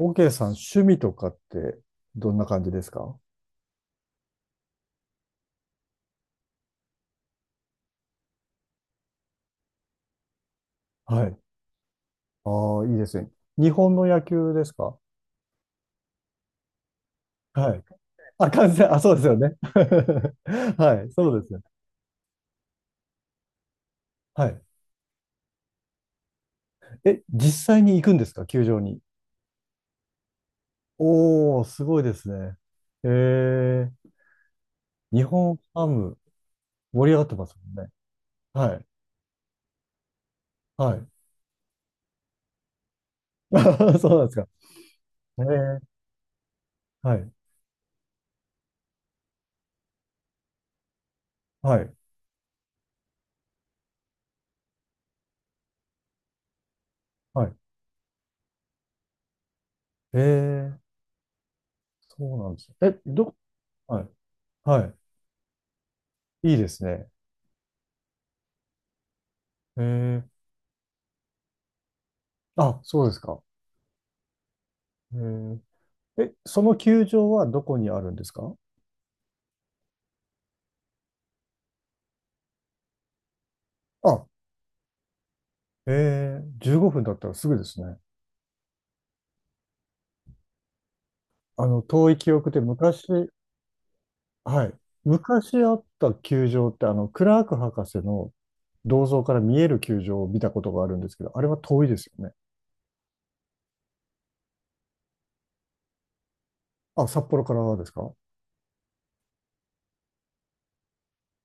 OK さん、趣味とかってどんな感じですか？はい。ああ、いいですね。日本の野球ですか？はい。あ、観戦、あ、そうですよね。はい、そうですね。はい。え、実際に行くんですか球場に？おー、すごいですね。えー、日本ハム盛り上がってますもんね。はい、はい。そうなんですか？えー、はい、はい、はい。えー、そうなんです。え、はい、はい。いいですね。えー、あ、そうですか？えーえ、その球場はどこにあるんですか？あ、15分だったらすぐですね。あの、遠い記憶で昔、はい。昔あった球場って、あの、クラーク博士の銅像から見える球場を見たことがあるんですけど、あれは遠いですよね。あ、札幌からですか？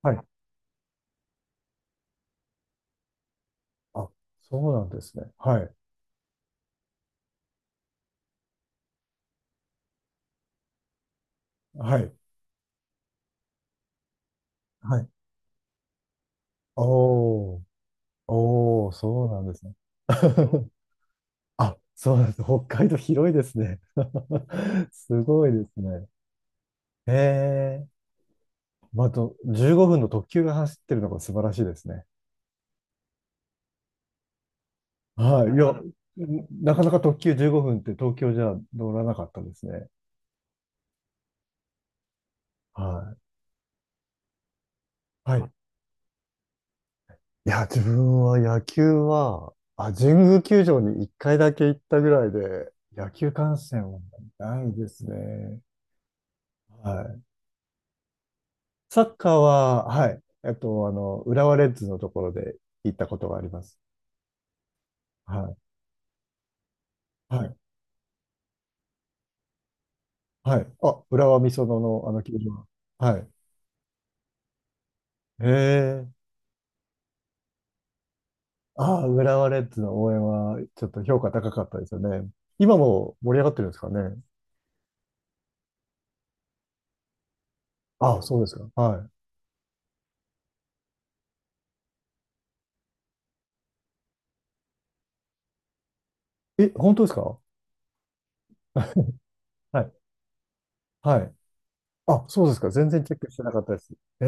はい。あ、そうなんですね。はい。はい。はい。おー、おー、そうなんですね。あ、そうなんです。北海道広いですね。すごいですね。ええ、まあ、あと、15分の特急が走ってるのが素晴らしいですね。はい。いや、なかなか特急15分って東京じゃ乗らなかったですね。はい。はい。いや、自分は野球は、あ、神宮球場に1回だけ行ったぐらいで、野球観戦はないですね。はい。サッカーは、はい。あの、浦和レッズのところで行ったことがあります。はい。はい。はい。あ、浦和美園の、あの球場。はい。へえ。ああ、浦和レッズの応援は、ちょっと評価高かったですよね。今も盛り上がってるんですかね。ああ、そうですか。はい。え、本当ですか？ はい。はい。あ、そうですか。全然チェックしてなかったです。え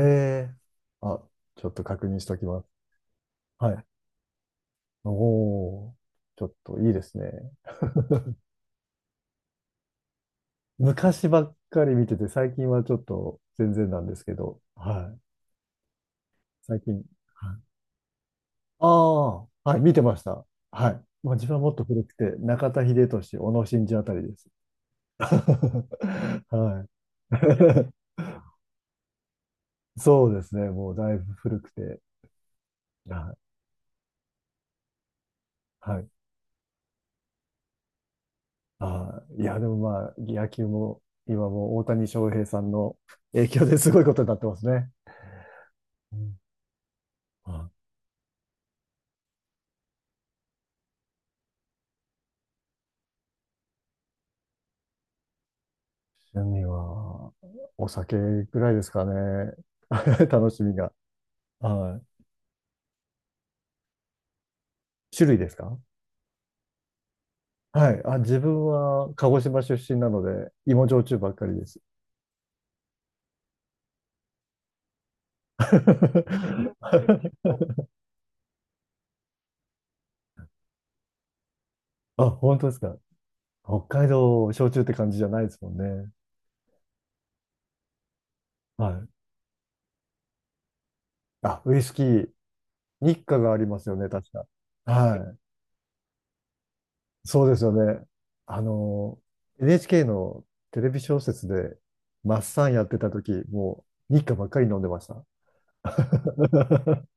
え。あ、ちょっと確認しておきます。はい。おお、ちょっといいですね。昔ばっかり見てて、最近はちょっと全然なんですけど、はい。最近。はい。ああ、はい、見てました。はい。まあ、自分はもっと古くて、中田英寿、小野伸二あたりです。はい。そうですね。もうだいぶ古くて。はい。はい。あー、いや、でもまあ、野球も今もう大谷翔平さんの影響で すごいことになってますね。うん。あ、趣味は、お酒ぐらいですかね。楽しみが。はい。種類ですか？はい。あ、自分は鹿児島出身なので、芋焼酎ばっかりです。あ、本当ですか？北海道焼酎って感じじゃないですもんね。はい。あ、ウイスキー、日課がありますよね、確か。はい。そうですよね。あの、NHK のテレビ小説で、マッサンやってた時、もう日課ばっかり飲んでました。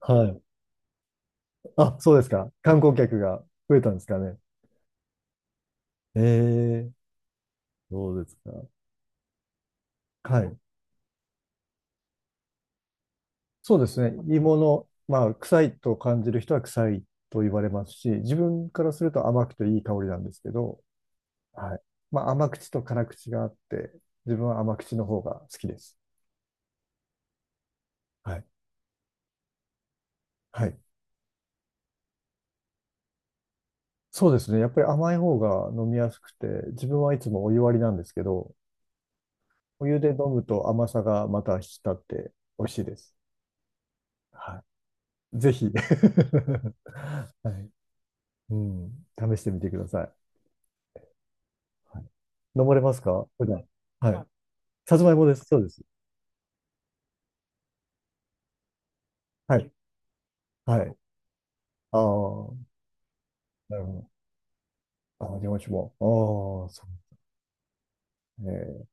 はい。あ、そうですか？観光客が増えたんですかね。ええ、そうですか。はい。そうですね。芋の、まあ、臭いと感じる人は臭いと言われますし、自分からすると甘くていい香りなんですけど、はい。まあ、甘口と辛口があって、自分は甘口の方が好きです。はい。はい。そうですね。やっぱり甘い方が飲みやすくて、自分はいつもお湯割りなんですけど、お湯で飲むと甘さがまた引き立って美味しいです。はい。ぜひ。 はい。うん。試してみてください。はい、飲まれますか普段？はい。さつまいもです。そうです。はい。はい。ああ、なるほど。ああ、日本酒も。ああ、そうね。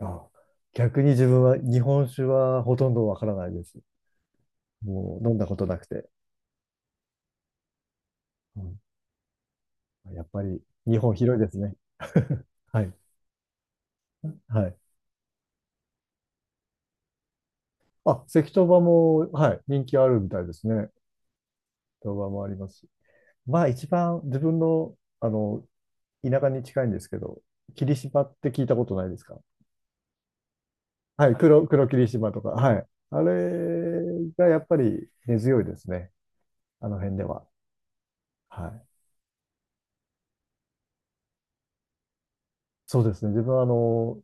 あ、逆に自分は日本酒はほとんどわからないです。もう飲んだことなくて。うん、やっぱり日本広いですね。はい。はい。あ、関東場も、はい、人気あるみたいですね。関東場もありますし。まあ一番自分の、あの、田舎に近いんですけど、霧島って聞いたことないですか？はい、黒霧島とか。はい。あれがやっぱり根強いですね。あの辺では。はい。そうですね。自分はあの、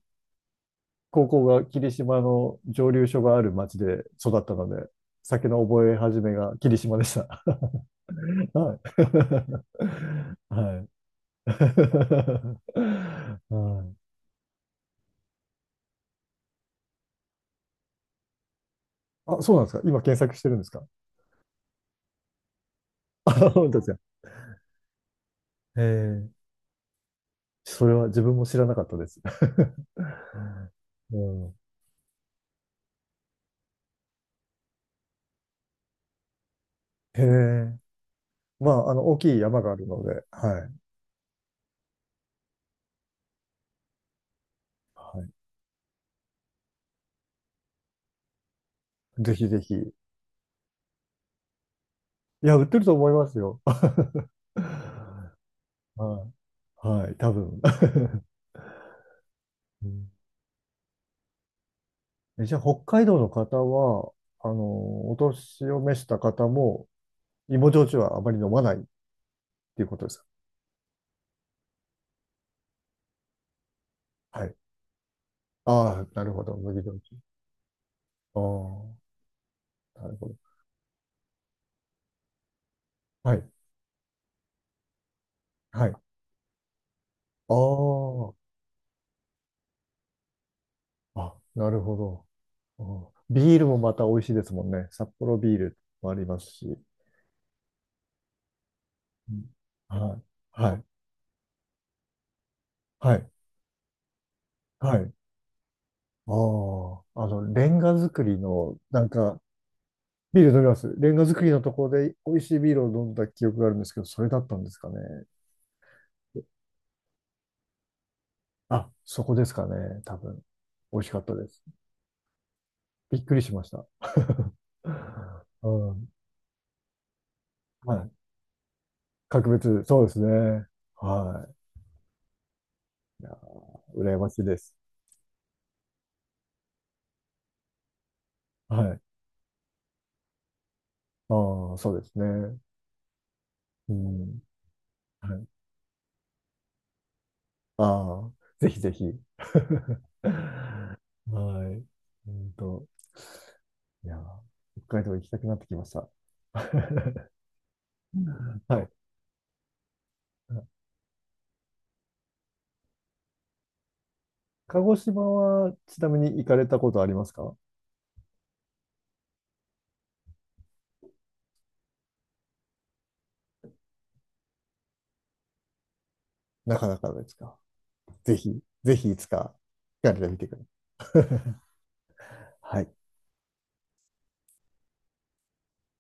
高校が霧島の蒸留所がある町で育ったので、酒の覚え始めが霧島でした。はい。はい。はい。あ、そうなんですか？今検索してるんですか？あ、本当ですか？ええ、それは自分も知らなかったです。うん。へえ。まあ、あの、大きい山があるので、はい。はい。ぜひぜひ。いや、売ってると思いますよ。はい。はい。多分。うん。じゃあ、北海道の方は、あの、お年を召した方も、芋焼酎はあまり飲まないっていうことですか？はい。ああ、なるほど。麦焼酎。ああ、なるほど。はい。はい。ああ、あ、なるほど。ああ、ビールもまた美味しいですもんね。札幌ビールもありますし。うん。はい。はい。はい。はい。ああ、あの、レンガ作りの、なんか、ビール飲みます。レンガ作りのところで美味しいビールを飲んだ記憶があるんですけど、それだったんですかね。あ、そこですかね。多分。美味しかったです。びっくりしました。うん。はい。格別、そうですね。はい。いや、羨ましいです。はい。ああ、そうですね。うん。はい。ああ、ぜひぜひ。はい。うんと。いや、北海道行きたくなってきました。はい。鹿児島はちなみに行かれたことありますか？なかなかですか？ぜひ、ぜひいつか行かれてみてください。はい。